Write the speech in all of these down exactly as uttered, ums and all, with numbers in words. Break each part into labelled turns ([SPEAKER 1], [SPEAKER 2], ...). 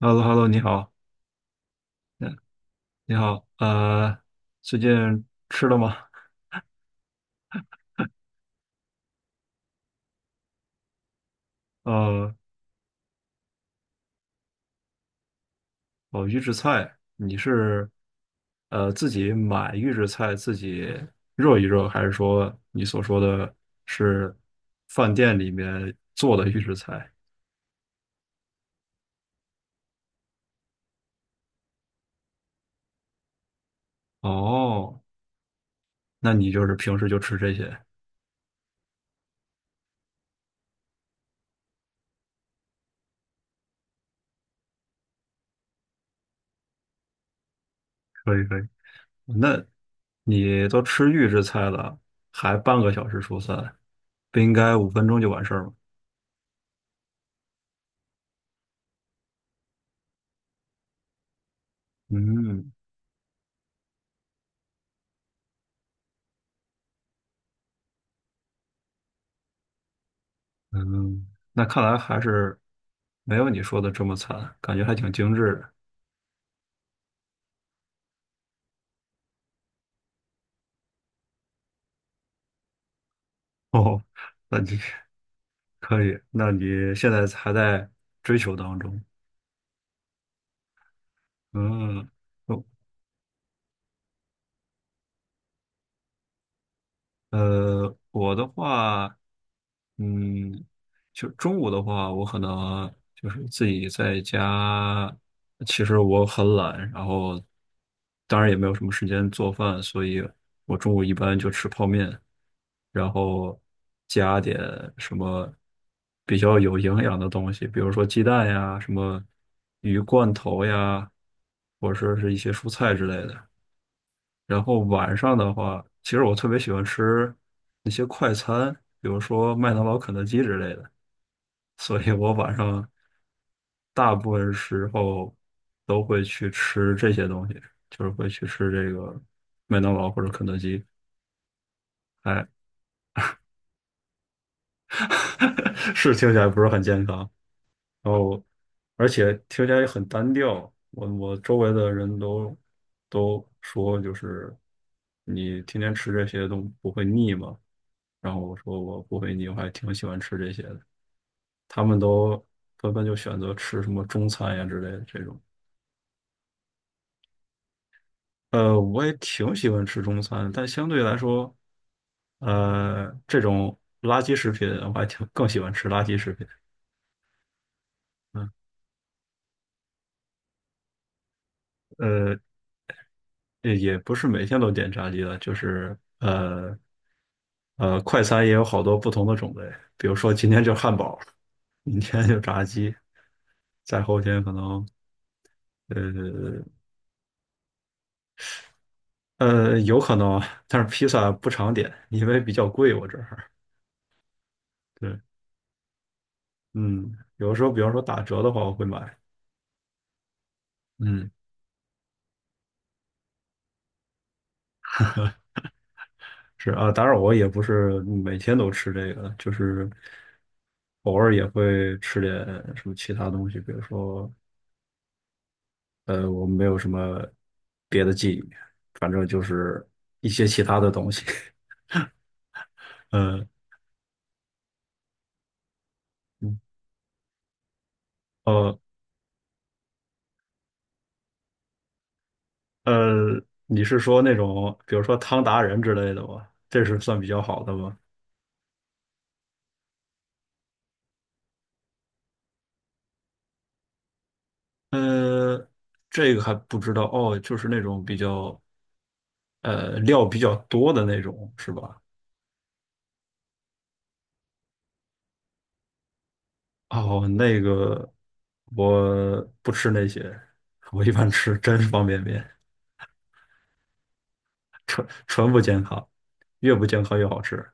[SPEAKER 1] h e l l o h e l l o 你好，你好，呃，最近吃了吗？呃，哦，预制菜，你是呃自己买预制菜自己热一热，还是说你所说的是饭店里面做的预制菜？哦，那你就是平时就吃这些，可以可以。那你都吃预制菜了，还半个小时出餐，不应该五分钟就完事儿吗？嗯。嗯，那看来还是没有你说的这么惨，感觉还挺精致的。哦，那你 可以，那你现在还在追求当中。嗯，哦呃，我的话。嗯，就中午的话，我可能就是自己在家。其实我很懒，然后当然也没有什么时间做饭，所以我中午一般就吃泡面，然后加点什么比较有营养的东西，比如说鸡蛋呀、什么鱼罐头呀，或者说是一些蔬菜之类的。然后晚上的话，其实我特别喜欢吃那些快餐，比如说麦当劳、肯德基之类的，所以我晚上大部分时候都会去吃这些东西，就是会去吃这个麦当劳或者肯德基。哎，是听起来不是很健康，然后而且听起来也很单调。我我周围的人都都说，就是你天天吃这些都不会腻吗？然后我说我不会腻，我还挺喜欢吃这些的。他们都纷纷就选择吃什么中餐呀之类的这种。呃，我也挺喜欢吃中餐，但相对来说，呃，这种垃圾食品我还挺更喜欢吃垃圾食品。嗯，呃，也也不是每天都点炸鸡的，就是呃呃，快餐也有好多不同的种类，比如说今天就汉堡，明天就炸鸡，再后天可能。呃，呃，有可能啊，但是披萨不常点，因为比较贵，我这儿。对，嗯，有的时候，比方说打折的话，我会买。嗯，是啊，当然我也不是每天都吃这个，就是偶尔也会吃点什么其他东西，比如说，呃，我没有什么别的记忆，反正就是一些其他的东西。嗯，哦，呃呃，你是说那种，比如说汤达人之类的吗？这是算比较好的吗？呃，这个还不知道哦，就是那种比较呃料比较多的那种是吧？哦，那个我不吃那些，我一般吃真方便面，纯纯不健康，越不健康越好吃。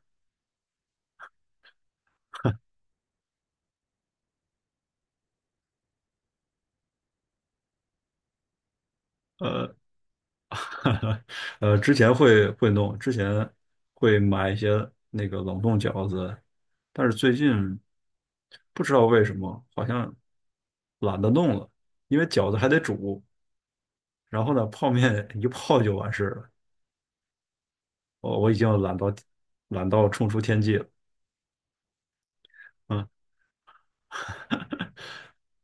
[SPEAKER 1] 呃，之前会会弄，之前会买一些那个冷冻饺子，但是最近不知道为什么好像懒得弄了，因为饺子还得煮，然后呢，泡面一泡就完事了。我我已经懒到懒到冲出天际了。嗯，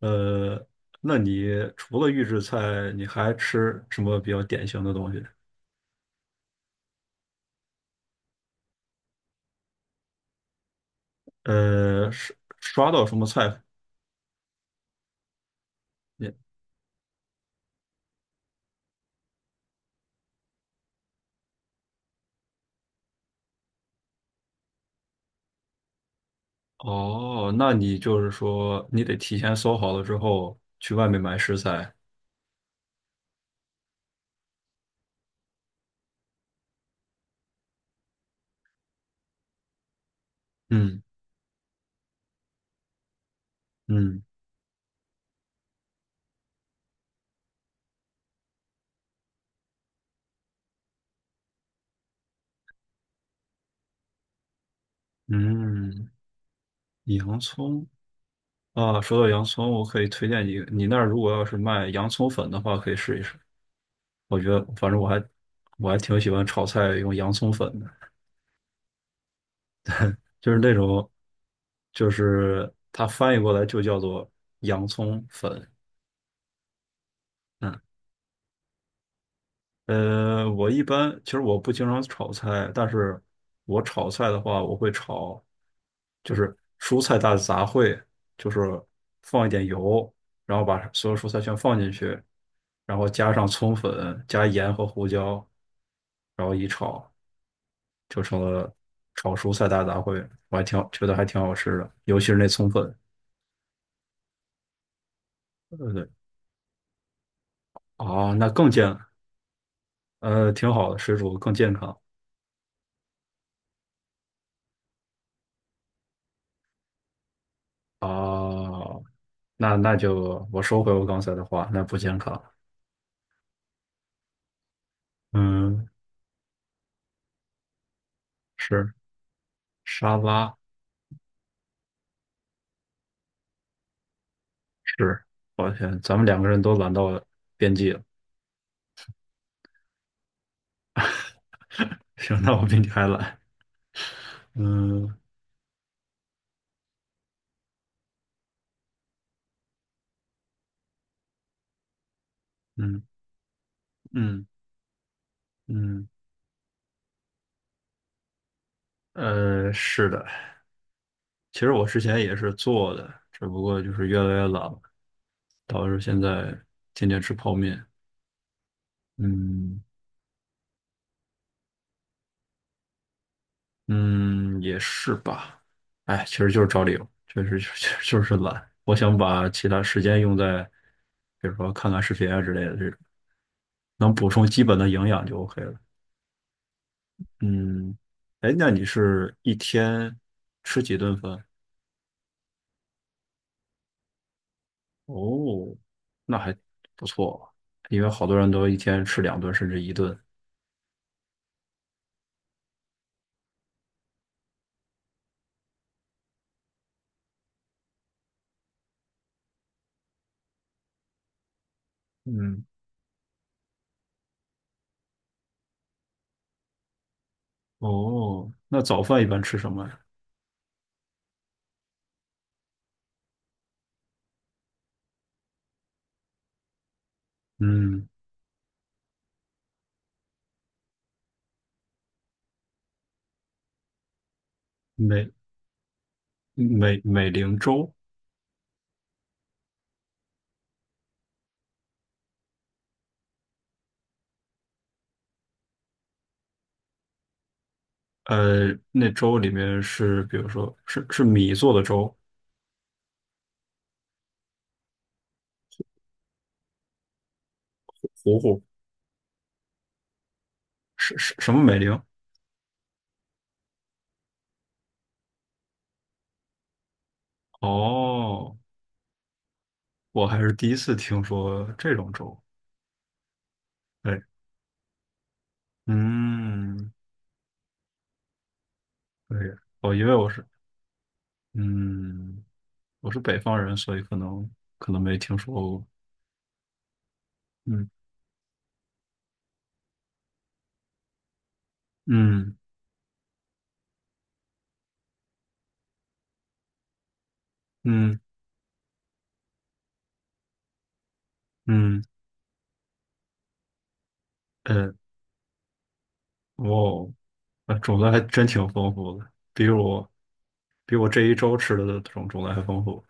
[SPEAKER 1] 呃，那你除了预制菜，你还吃什么比较典型的东西？呃，刷刷到什么菜？你哦，那你就是说你得提前搜好了之后去外面买食材。嗯嗯嗯，洋葱啊，说到洋葱，我可以推荐你，你那儿如果要是卖洋葱粉的话，可以试一试。我觉得反正我还我还挺喜欢炒菜用洋葱粉的，就是那种就是它翻译过来就叫做洋葱粉。嗯，呃，我一般其实我不经常炒菜，但是我炒菜的话，我会炒就是蔬菜大杂烩，就是放一点油，然后把所有蔬菜全放进去，然后加上葱粉、加盐和胡椒，然后一炒。就成了炒蔬菜大杂烩，我还挺好觉得还挺好吃的，尤其是那葱粉，呃，对，啊，那更健，呃，挺好的，水煮更健康啊，那那就我收回我刚才的话，那不健康，嗯，是沙拉，是，抱歉，咱们两个人都懒到边际了，行，那我比你还懒，嗯嗯嗯嗯，呃，是的。其实我之前也是做的，只不过就是越来越懒了。导致现在天天吃泡面。嗯嗯，也是吧。哎，其实就是找理由，确实就实 就是懒。我想把其他时间用在，比如说看看视频啊之类的这种，能补充基本的营养就 O K 了。嗯，哎，那你是一天吃几顿饭？哦，那还不错，因为好多人都一天吃两顿甚至一顿。嗯，哦，那早饭一般吃什么呀嗯，没美美龄粥，呃，那粥里面是，比如说是是米做的粥，糊糊是是什么美龄？哦，我还是第一次听说这种粥。对，嗯，对，哦，因为我是，嗯，我是北方人，所以可能可能没听说过。嗯嗯嗯嗯，呃，哇哦，呃，种类还真挺丰富的，比我比我这一周吃的种种类还丰富。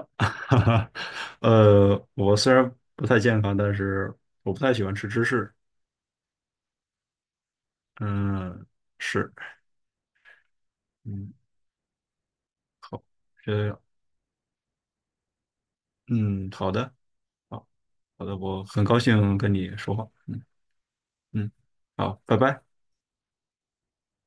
[SPEAKER 1] 哈哈，呃，我虽然不太健康，但是我不太喜欢吃芝士。嗯，是，嗯，好，这样，嗯，好的，好，好的，我很高兴跟你说话。嗯嗯，好，拜拜。